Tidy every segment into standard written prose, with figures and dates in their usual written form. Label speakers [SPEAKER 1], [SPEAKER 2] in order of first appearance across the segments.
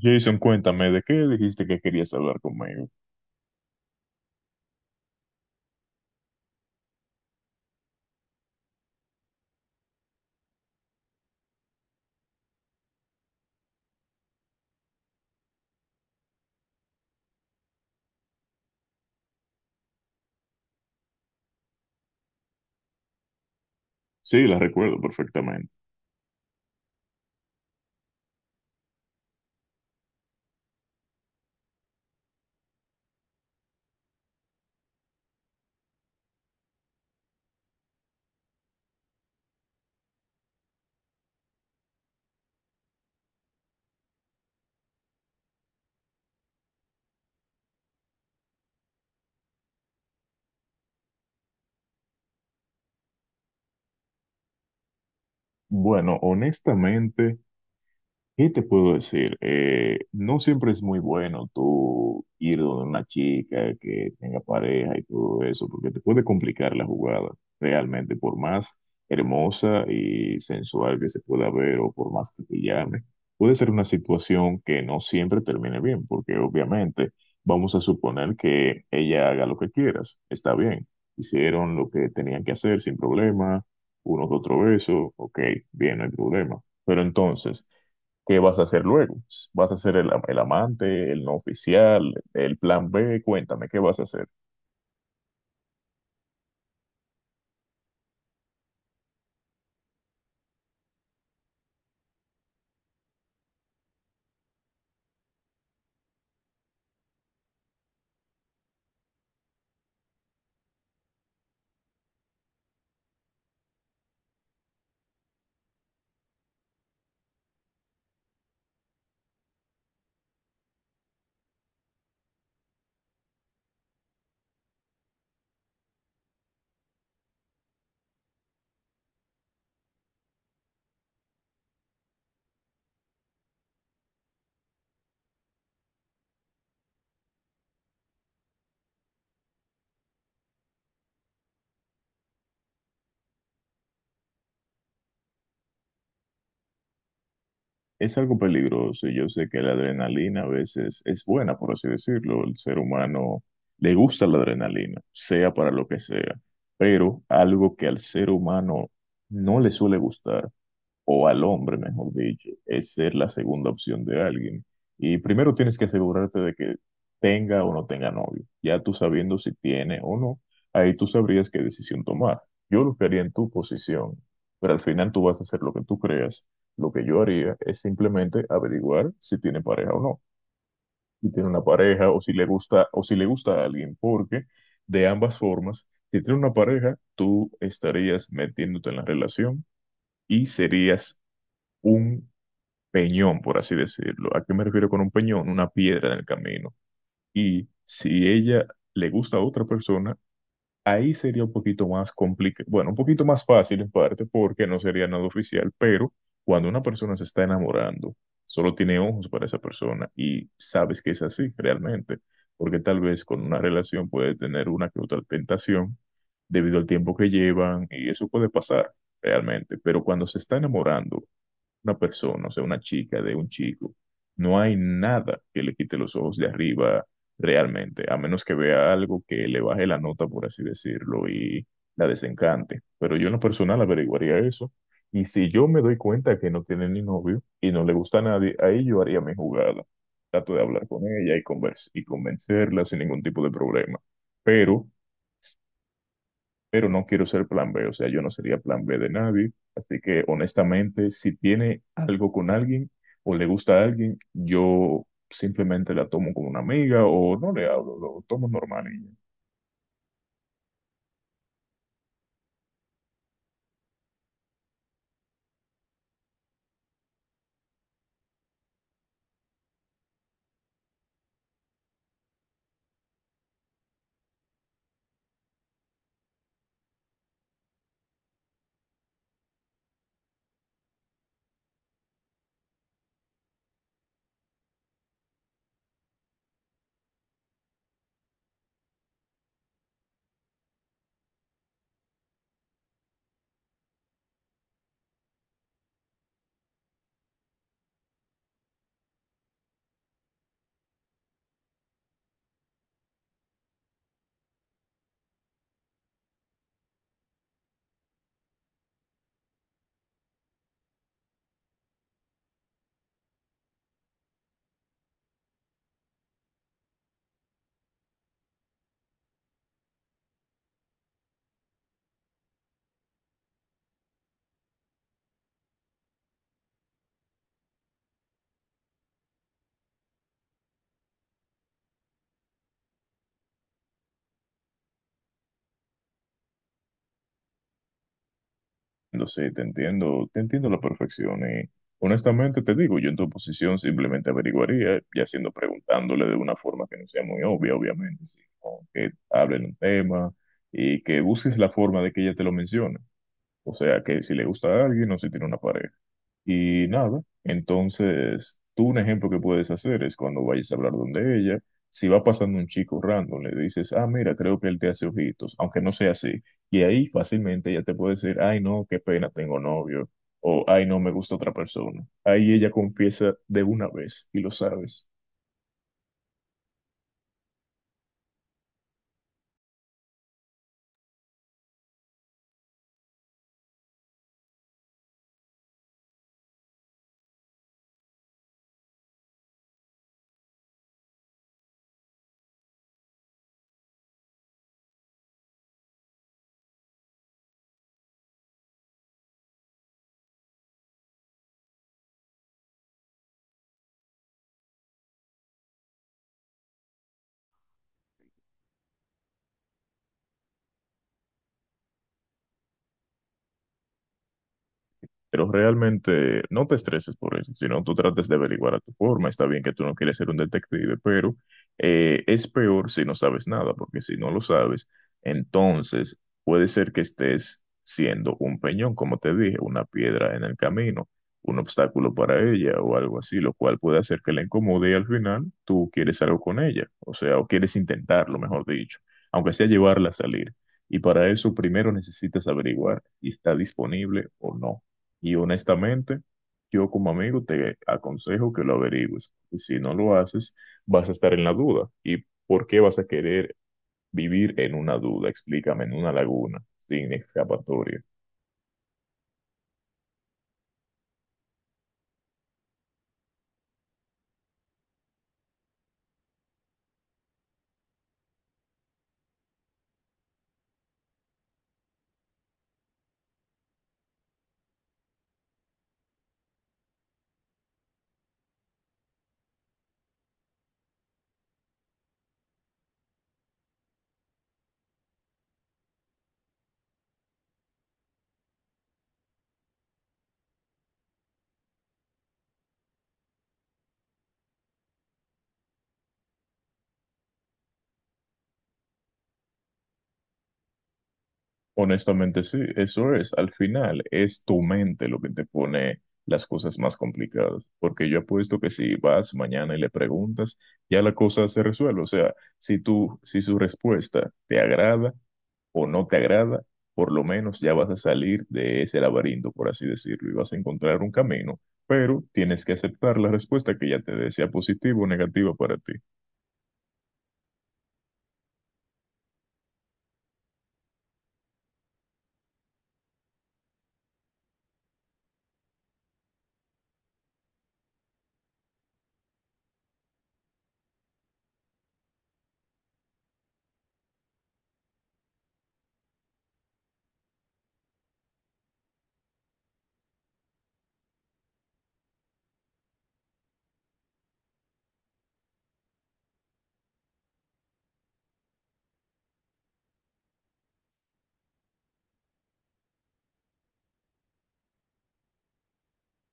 [SPEAKER 1] Jason, cuéntame, ¿de qué dijiste que querías hablar conmigo? Sí, la recuerdo perfectamente. Bueno, honestamente, ¿qué te puedo decir? No siempre es muy bueno tú ir donde una chica que tenga pareja y todo eso, porque te puede complicar la jugada realmente, por más hermosa y sensual que se pueda ver o por más que te llame. Puede ser una situación que no siempre termine bien, porque obviamente vamos a suponer que ella haga lo que quieras, está bien, hicieron lo que tenían que hacer sin problema, uno que otro beso, ok, bien, no hay problema. Pero entonces, ¿qué vas a hacer luego? ¿Vas a ser el amante, el no oficial, el plan B? Cuéntame, ¿qué vas a hacer? Es algo peligroso y yo sé que la adrenalina a veces es buena, por así decirlo. El ser humano le gusta la adrenalina, sea para lo que sea, pero algo que al ser humano no le suele gustar, o al hombre, mejor dicho, es ser la segunda opción de alguien. Y primero tienes que asegurarte de que tenga o no tenga novio. Ya tú sabiendo si tiene o no, ahí tú sabrías qué decisión tomar. Yo lo que haría en tu posición, pero al final tú vas a hacer lo que tú creas. Lo que yo haría es simplemente averiguar si tiene pareja o no, si tiene una pareja o si le gusta o si le gusta a alguien, porque de ambas formas, si tiene una pareja, tú estarías metiéndote en la relación y serías un peñón, por así decirlo. ¿A qué me refiero con un peñón? Una piedra en el camino. Y si ella le gusta a otra persona, ahí sería un poquito más complicado, bueno, un poquito más fácil en parte porque no sería nada oficial, pero cuando una persona se está enamorando, solo tiene ojos para esa persona y sabes que es así realmente, porque tal vez con una relación puede tener una que otra tentación debido al tiempo que llevan y eso puede pasar realmente, pero cuando se está enamorando una persona, o sea, una chica, de un chico, no hay nada que le quite los ojos de arriba realmente, a menos que vea algo que le baje la nota, por así decirlo, y la desencante. Pero yo en lo personal averiguaría eso. Y si yo me doy cuenta que no tiene ni novio y no le gusta a nadie, ahí yo haría mi jugada. Trato de hablar con ella y y convencerla sin ningún tipo de problema. Pero pero no quiero ser plan B, o sea, yo no sería plan B de nadie. Así que honestamente, si tiene algo con alguien o le gusta a alguien, yo simplemente la tomo como una amiga o no le hablo, lo tomo normal. Y, no sé, te entiendo a la perfección. Y honestamente te digo, yo en tu posición simplemente averiguaría, ya siendo preguntándole de una forma que no sea muy obvia, obviamente, sino que hablen un tema y que busques la forma de que ella te lo mencione. O sea, que si le gusta a alguien o si tiene una pareja. Y nada, entonces tú, un ejemplo que puedes hacer es cuando vayas a hablar donde ella, si va pasando un chico random, le dices, ah, mira, creo que él te hace ojitos, aunque no sea así. Y ahí fácilmente ella te puede decir, ay, no, qué pena, tengo novio, o ay, no, me gusta otra persona. Ahí ella confiesa de una vez y lo sabes. Pero realmente no te estreses por eso, sino tú trates de averiguar a tu forma. Está bien que tú no quieres ser un detective, pero es peor si no sabes nada, porque si no lo sabes, entonces puede ser que estés siendo un peñón, como te dije, una piedra en el camino, un obstáculo para ella o algo así, lo cual puede hacer que la incomode, y al final tú quieres algo con ella, o sea, o quieres intentarlo, mejor dicho, aunque sea llevarla a salir. Y para eso primero necesitas averiguar si está disponible o no. Y honestamente, yo como amigo te aconsejo que lo averigües. Y si no lo haces, vas a estar en la duda. ¿Y por qué vas a querer vivir en una duda? Explícame, en una laguna, sin escapatoria. Honestamente, sí, eso es. Al final, es tu mente lo que te pone las cosas más complicadas. Porque yo apuesto que si vas mañana y le preguntas, ya la cosa se resuelve. O sea, si tú, si su respuesta te agrada o no te agrada, por lo menos ya vas a salir de ese laberinto, por así decirlo, y vas a encontrar un camino, pero tienes que aceptar la respuesta que ya te dé, sea positiva o negativa para ti.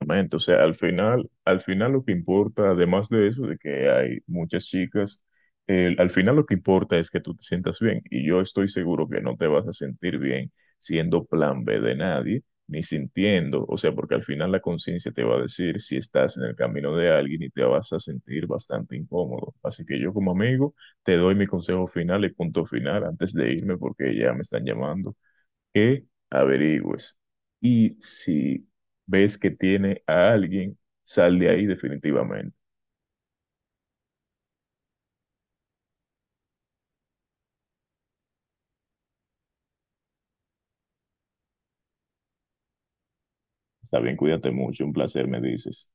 [SPEAKER 1] Exactamente, o sea, al final lo que importa, además de eso, de que hay muchas chicas, al final lo que importa es que tú te sientas bien. Y yo estoy seguro que no te vas a sentir bien siendo plan B de nadie, ni sintiendo, o sea, porque al final la conciencia te va a decir si estás en el camino de alguien y te vas a sentir bastante incómodo. Así que yo como amigo te doy mi consejo final y punto final antes de irme porque ya me están llamando, que averigües. Y si ves que tiene a alguien, sal de ahí definitivamente. Está bien, cuídate mucho, un placer, me dices.